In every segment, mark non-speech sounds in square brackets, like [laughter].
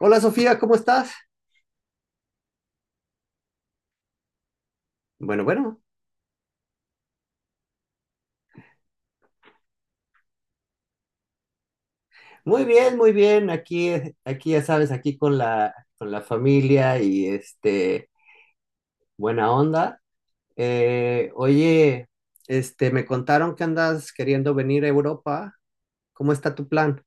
Hola Sofía, ¿cómo estás? Bueno, bueno, muy bien, muy bien. Aquí ya sabes, aquí con la familia y buena onda. Oye, me contaron que andas queriendo venir a Europa. ¿Cómo está tu plan?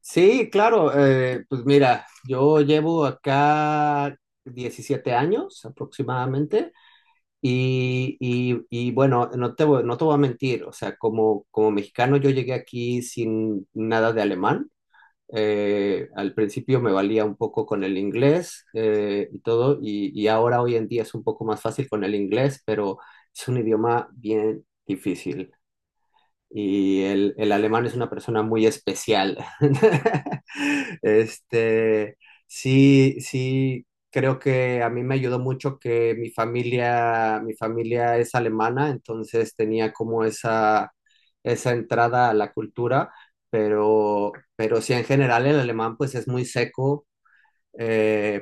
Sí, claro, pues mira, yo llevo acá 17 años aproximadamente. Y bueno, no te voy a mentir, o sea, como mexicano yo llegué aquí sin nada de alemán. Al principio me valía un poco con el inglés y todo, y ahora hoy en día es un poco más fácil con el inglés, pero es un idioma bien difícil y el alemán es una persona muy especial. [laughs] Este, sí, sí, creo que a mí me ayudó mucho que mi familia es alemana, entonces tenía como esa entrada a la cultura, pero sí en general el alemán pues es muy seco. eh,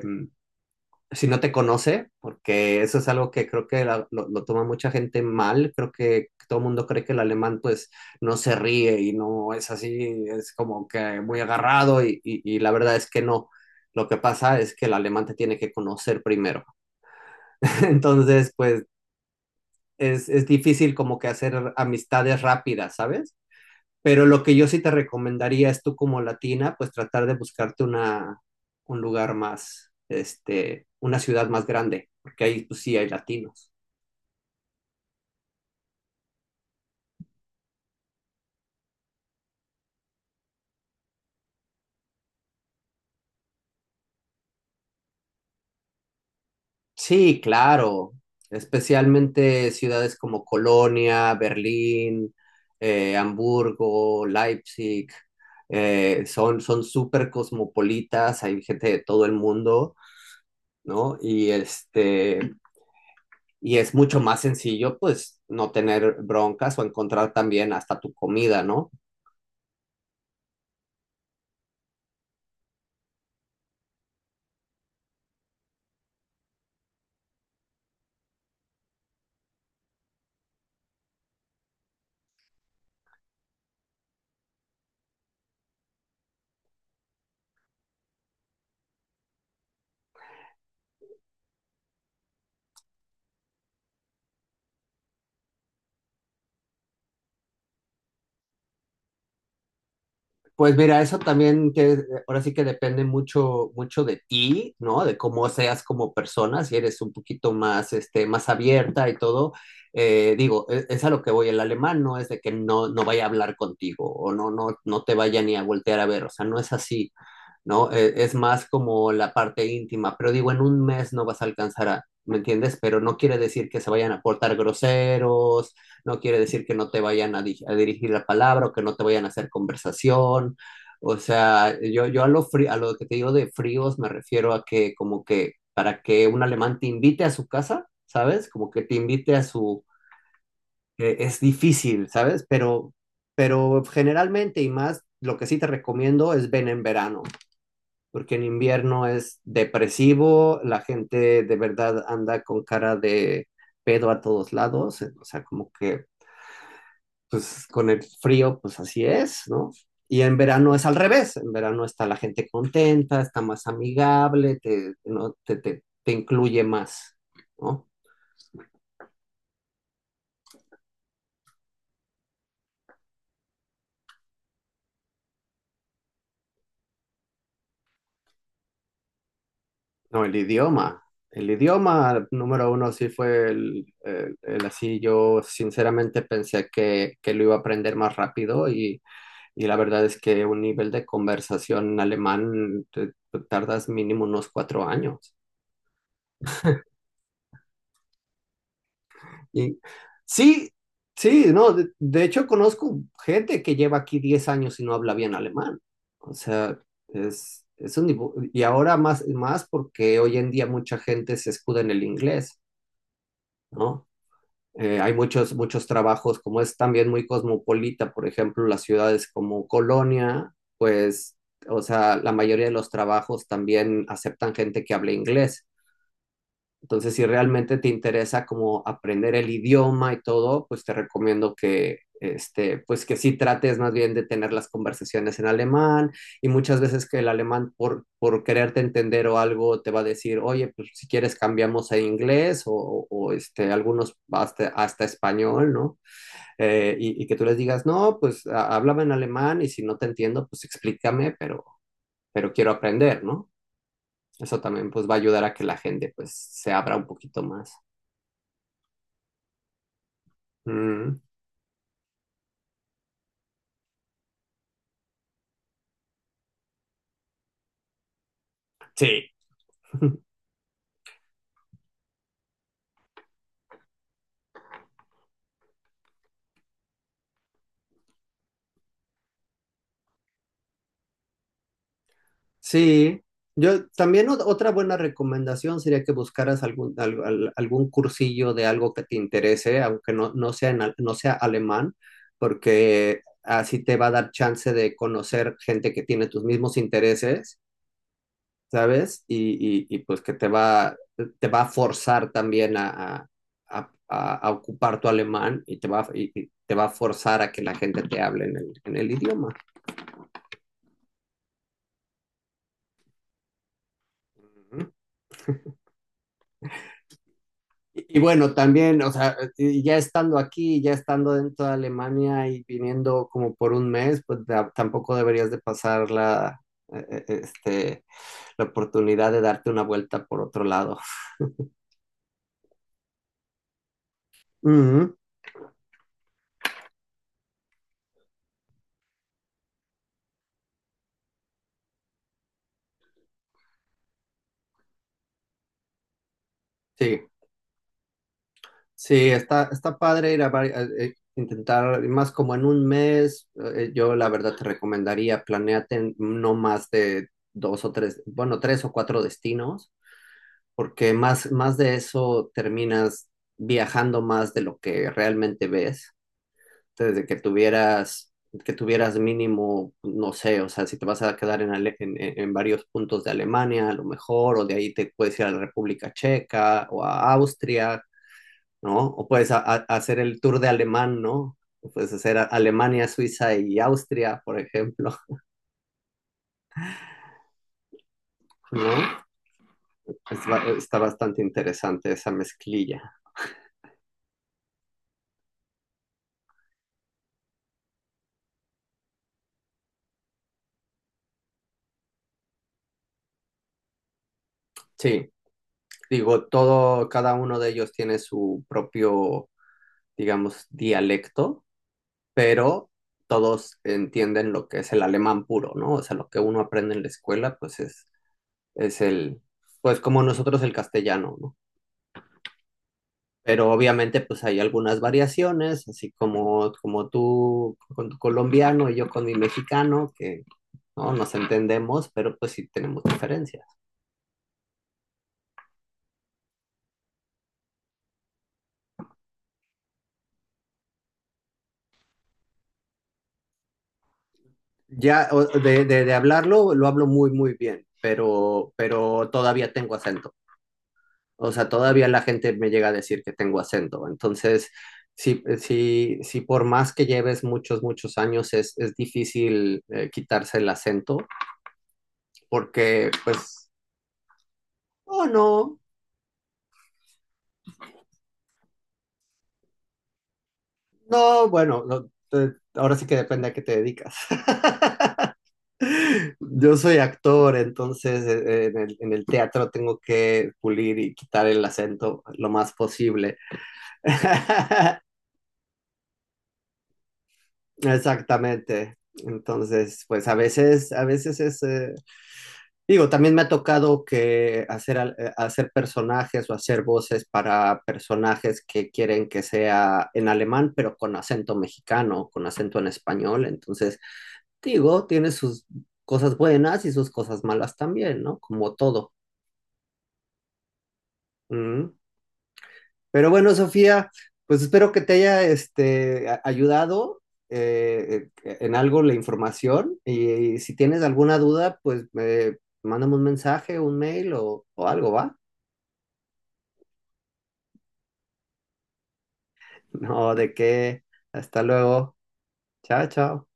si no te conoce, porque eso es algo que creo que lo toma mucha gente mal, creo que todo el mundo cree que el alemán pues no se ríe y no es así, es como que muy agarrado y la verdad es que no, lo que pasa es que el alemán te tiene que conocer primero, [laughs] entonces pues es difícil como que hacer amistades rápidas, ¿sabes? Pero lo que yo sí te recomendaría es tú como latina, pues tratar de buscarte una, un lugar más, una ciudad más grande, porque ahí pues sí hay latinos. Sí, claro, especialmente ciudades como Colonia, Berlín, Hamburgo, Leipzig, son súper cosmopolitas, hay gente de todo el mundo, ¿no? Y es mucho más sencillo, pues, no tener broncas o encontrar también hasta tu comida, ¿no? Pues mira, eso también que ahora sí que depende mucho, mucho de ti, ¿no? De cómo seas como persona, si eres un poquito más abierta y todo. Digo, es a lo que voy, el alemán no es de que no vaya a hablar contigo o no te vaya ni a voltear a ver, o sea, no es así. ¿No? Es más como la parte íntima, pero digo, en un mes no vas a alcanzar a, ¿me entiendes? Pero no quiere decir que se vayan a portar groseros, no quiere decir que no te vayan a, a dirigir la palabra o que no te vayan a hacer conversación. O sea, yo a lo que te digo de fríos me refiero a que como que para que un alemán te invite a su casa, ¿sabes? Como que te invite a su... es difícil, ¿sabes? Pero generalmente y más, lo que sí te recomiendo es ven en verano porque en invierno es depresivo, la gente de verdad anda con cara de pedo a todos lados, o sea, como que pues con el frío, pues así es, ¿no? Y en verano es al revés, en verano está la gente contenta, está más amigable, ¿no? te incluye más, ¿no? No, el idioma. El idioma número uno sí fue el así. Yo sinceramente pensé que lo iba a aprender más rápido y la verdad es que un nivel de conversación alemán te tardas mínimo unos 4 años. Y sí, sí, no, de hecho conozco gente que lleva aquí 10 años y no habla bien alemán. O sea, y ahora más, más porque hoy en día mucha gente se escuda en el inglés, ¿no? Hay muchos, muchos trabajos, como es también muy cosmopolita, por ejemplo, las ciudades como Colonia, pues, o sea, la mayoría de los trabajos también aceptan gente que hable inglés. Entonces, si realmente te interesa como aprender el idioma y todo, pues te recomiendo que, pues que sí trates más bien de tener las conversaciones en alemán y muchas veces que el alemán por quererte entender o algo te va a decir, oye, pues si quieres cambiamos a inglés o algunos hasta español, ¿no? Que tú les digas, no, pues háblame en alemán y si no te entiendo, pues explícame, pero quiero aprender, ¿no? Eso también pues va a ayudar a que la gente pues se abra un poquito más. Mm, sí. [laughs] Sí, yo también otra buena recomendación sería que buscaras algún cursillo de algo que te interese, aunque no sea alemán, porque así te va a dar chance de conocer gente que tiene tus mismos intereses, ¿sabes? Y, pues que te va a forzar también a, a- a ocupar tu alemán y te va a forzar a que la gente te hable en el idioma. Y bueno, también, o sea, y ya estando aquí, ya estando dentro de Alemania y viniendo como por un mes, pues tampoco deberías de pasar eh, eh, este, la oportunidad de darte una vuelta por otro lado. Ujú, sí, sí, está padre ir a intentar más como en un mes. Yo la verdad te recomendaría, planéate en no más de dos o tres, bueno, tres o cuatro destinos porque más, más de eso terminas viajando más de lo que realmente ves. Desde que que tuvieras mínimo, no sé, o sea, si te vas a quedar en, en varios puntos de Alemania, a lo mejor, o de ahí te puedes ir a la República Checa o a Austria, ¿no? O puedes hacer el tour de alemán, ¿no? O puedes hacer Alemania, Suiza y Austria, por ejemplo, [laughs] ¿no? Está bastante interesante esa mezclilla. Sí. Digo, todo, cada uno de ellos tiene su propio, digamos, dialecto, pero todos entienden lo que es el alemán puro, ¿no? O sea, lo que uno aprende en la escuela, es el, pues como nosotros el castellano, ¿no? Pero obviamente, pues hay algunas variaciones, así como, como tú con tu colombiano y yo con mi mexicano, que no nos entendemos, pero pues sí tenemos diferencias. Ya, de hablarlo, lo hablo muy, muy bien, pero todavía tengo acento. O sea, todavía la gente me llega a decir que tengo acento. Entonces, sí, sí, sí, por más que lleves muchos, muchos años, es difícil quitarse el acento, porque, pues, oh, no, no, bueno, no, ahora sí que depende a qué te dedicas. [laughs] Yo soy actor, entonces en en el teatro tengo que pulir y quitar el acento lo más posible. [laughs] Exactamente. Entonces, pues a veces, digo, también me ha tocado que hacer personajes o hacer voces para personajes que quieren que sea en alemán, pero con acento mexicano, con acento en español. Entonces, digo, tiene sus cosas buenas y sus cosas malas también, ¿no? Como todo. Pero bueno, Sofía, pues espero que te haya ayudado en algo la información y, si tienes alguna duda, pues mándame un mensaje, un mail o algo, ¿va? [laughs] No, de qué. Hasta luego. Chao, chao.